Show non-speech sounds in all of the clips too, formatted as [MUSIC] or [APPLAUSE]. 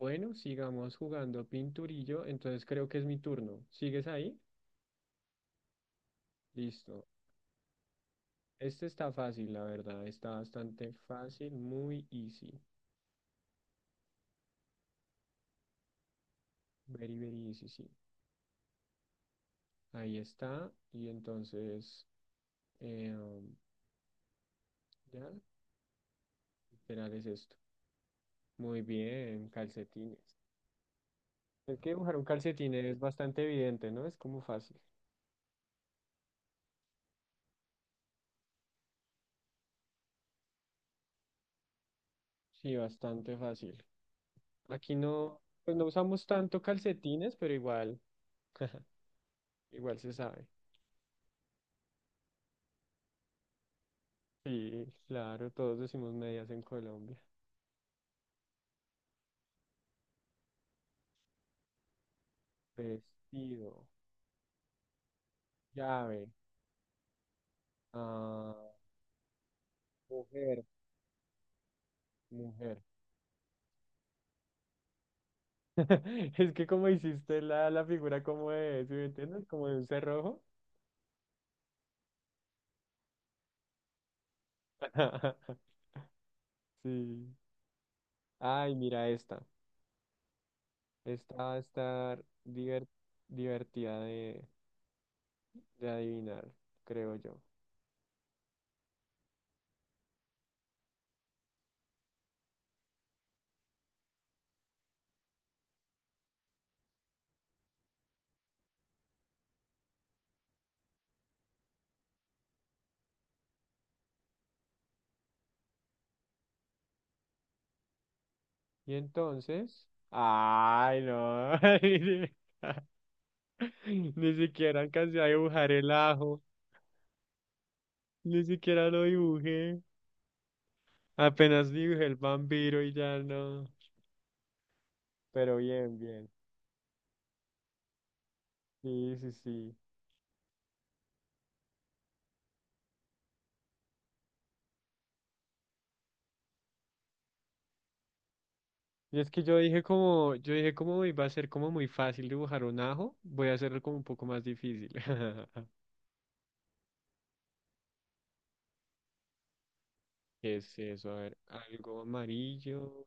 Bueno, sigamos jugando pinturillo, entonces creo que es mi turno. ¿Sigues ahí? Listo. Este está fácil, la verdad. Está bastante fácil, muy easy. Very, very easy, sí. Ahí está. Y entonces, eh, um, ya, literal es esto. Muy bien, calcetines. Es que dibujar un calcetín es bastante evidente, ¿no? Es como fácil. Sí, bastante fácil. Aquí no, pues no usamos tanto calcetines, pero igual, igual se sabe. Sí, claro, todos decimos medias en Colombia. Vestido, llave, ah, mujer, mujer. [LAUGHS] Es que como hiciste la figura como de, ¿sí me entiendes? Como de un cerrojo. [LAUGHS] Sí. Ay, mira esta. Esta va a estar divertida de adivinar, creo yo. Y entonces, ay, no. [LAUGHS] Ni siquiera alcancé a dibujar el ajo. Ni siquiera lo dibujé. Apenas dibujé el vampiro y ya no. Pero bien, bien. Sí, sí, sí. Y es que yo dije como iba a ser como muy fácil dibujar un ajo, voy a hacerlo como un poco más difícil. [LAUGHS] ¿Qué es eso? A ver, algo amarillo.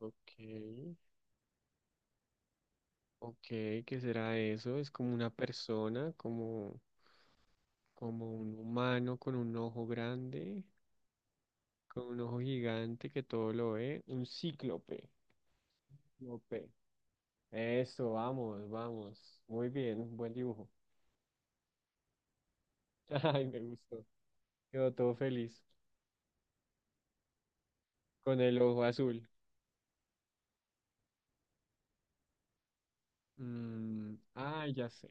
Ok. Ok, ¿qué será eso? Es como una persona, como, como un humano con un ojo grande, con un ojo gigante que todo lo ve. Un cíclope. No. Eso, vamos, vamos. Muy bien, buen dibujo. [LAUGHS] Ay, me gustó. Quedó todo feliz con el ojo azul. Mm, ah, ya sé.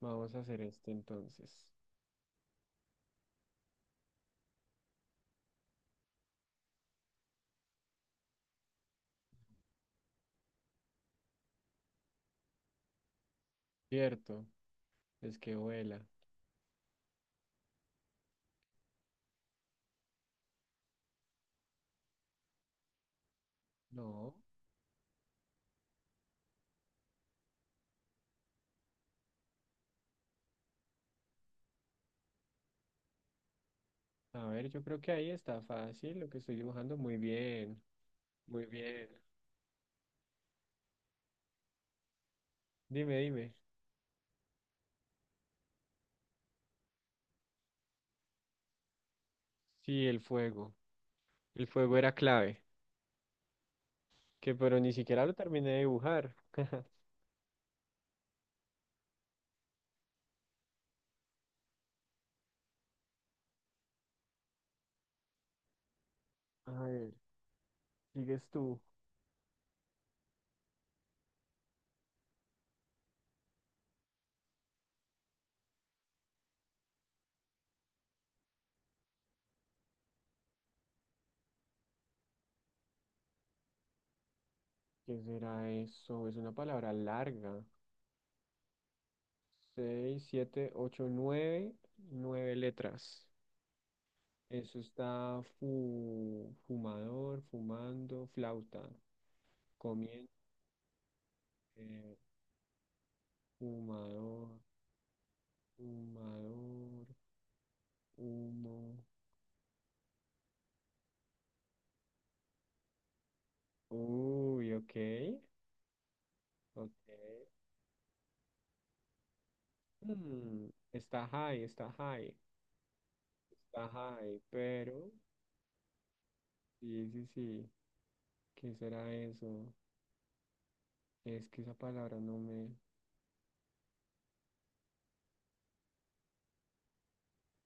Vamos a hacer este entonces. Cierto, es que vuela. No, a ver, yo creo que ahí está fácil lo que estoy dibujando. Muy bien, muy bien. Dime, dime. Sí, el fuego. El fuego era clave, que pero ni siquiera lo terminé de dibujar. A ver, sigues tú. ¿Qué será eso? Es una palabra larga. 6, 7, 8, 9, 9 letras. Eso está fumador, fumando, flauta, comiendo, eh, fumador, fumador, humo. Uy, ok, ok. Hmm, está high, está high, está high, pero sí, sí, sí. ¿Qué será eso? Es que esa palabra no me...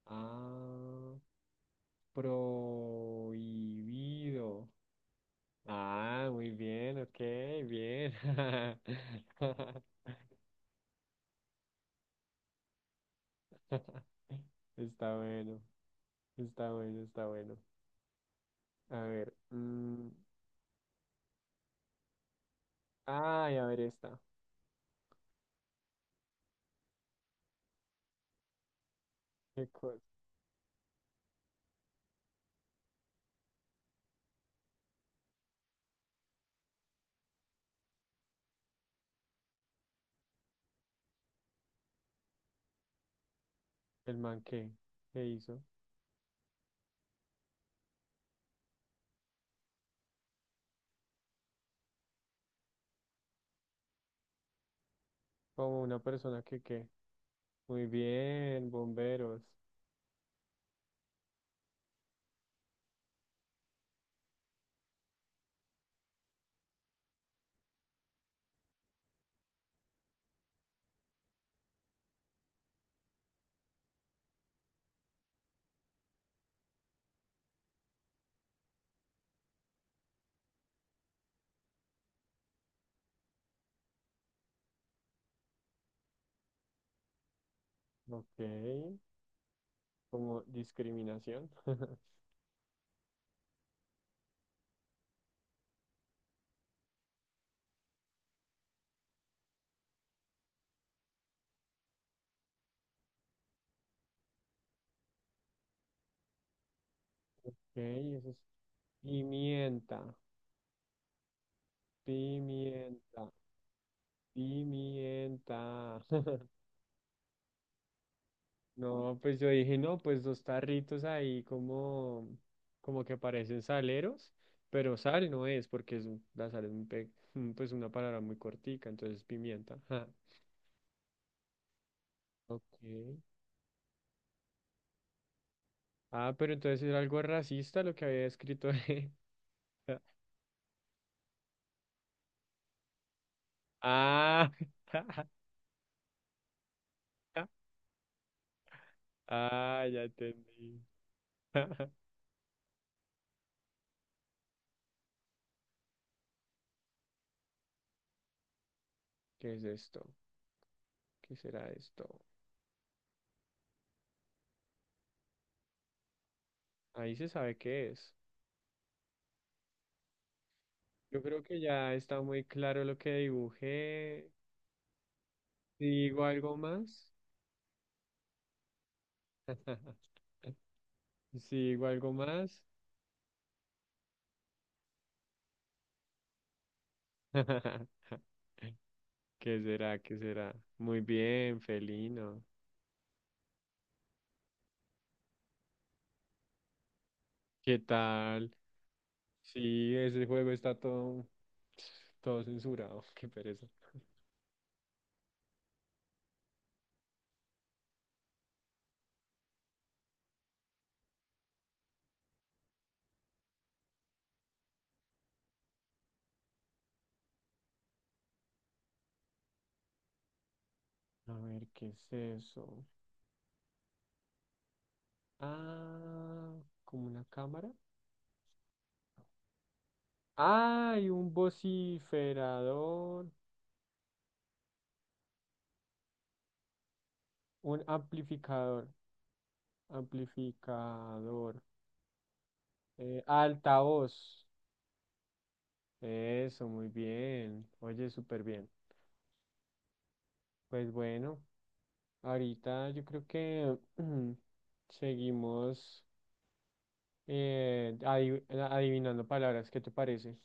Ah. Prohibido. Ah, muy bien, ok, bien. [LAUGHS] Está bueno, está bueno, está bueno. A ver. Ay, a ver esta. ¿Qué cosa? ¿El man qué? ¿Qué hizo? Como una persona que qué. Muy bien, bomberos. Ok. Como discriminación. [LAUGHS] Ok, eso es. Pimienta, pimienta, pimienta. [LAUGHS] No, pues yo dije, no, pues dos tarritos ahí como, como que parecen saleros, pero sal no es, porque es, la sal es un [LAUGHS] pues una palabra muy cortica, entonces es pimienta. Ja. Ok. Ah, pero entonces era algo racista lo que había escrito ahí. [LAUGHS] Ah, [LAUGHS] ah, ya entendí. [LAUGHS] ¿Qué es esto? ¿Qué será esto? Ahí se sabe qué es. Yo creo que ya está muy claro lo que dibujé. ¿Digo algo más? [LAUGHS] Sí, o algo más. [LAUGHS] ¿Qué será? ¿Qué será? Muy bien, felino. ¿Qué tal? Sí, ese juego está todo, todo censurado. [LAUGHS] Qué pereza. A ver, ¿qué es eso? Ah, como una cámara. Ah, y un vociferador, un amplificador, amplificador, altavoz. Eso, muy bien. Oye, súper bien. Pues bueno, ahorita yo creo que [CLEARS THROAT] seguimos eh, adiv- adivinando palabras. ¿Qué te parece?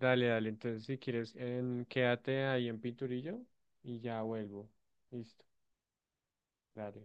Dale, dale. Entonces, si quieres, quédate ahí en Pinturillo y ya vuelvo. Listo. Dale.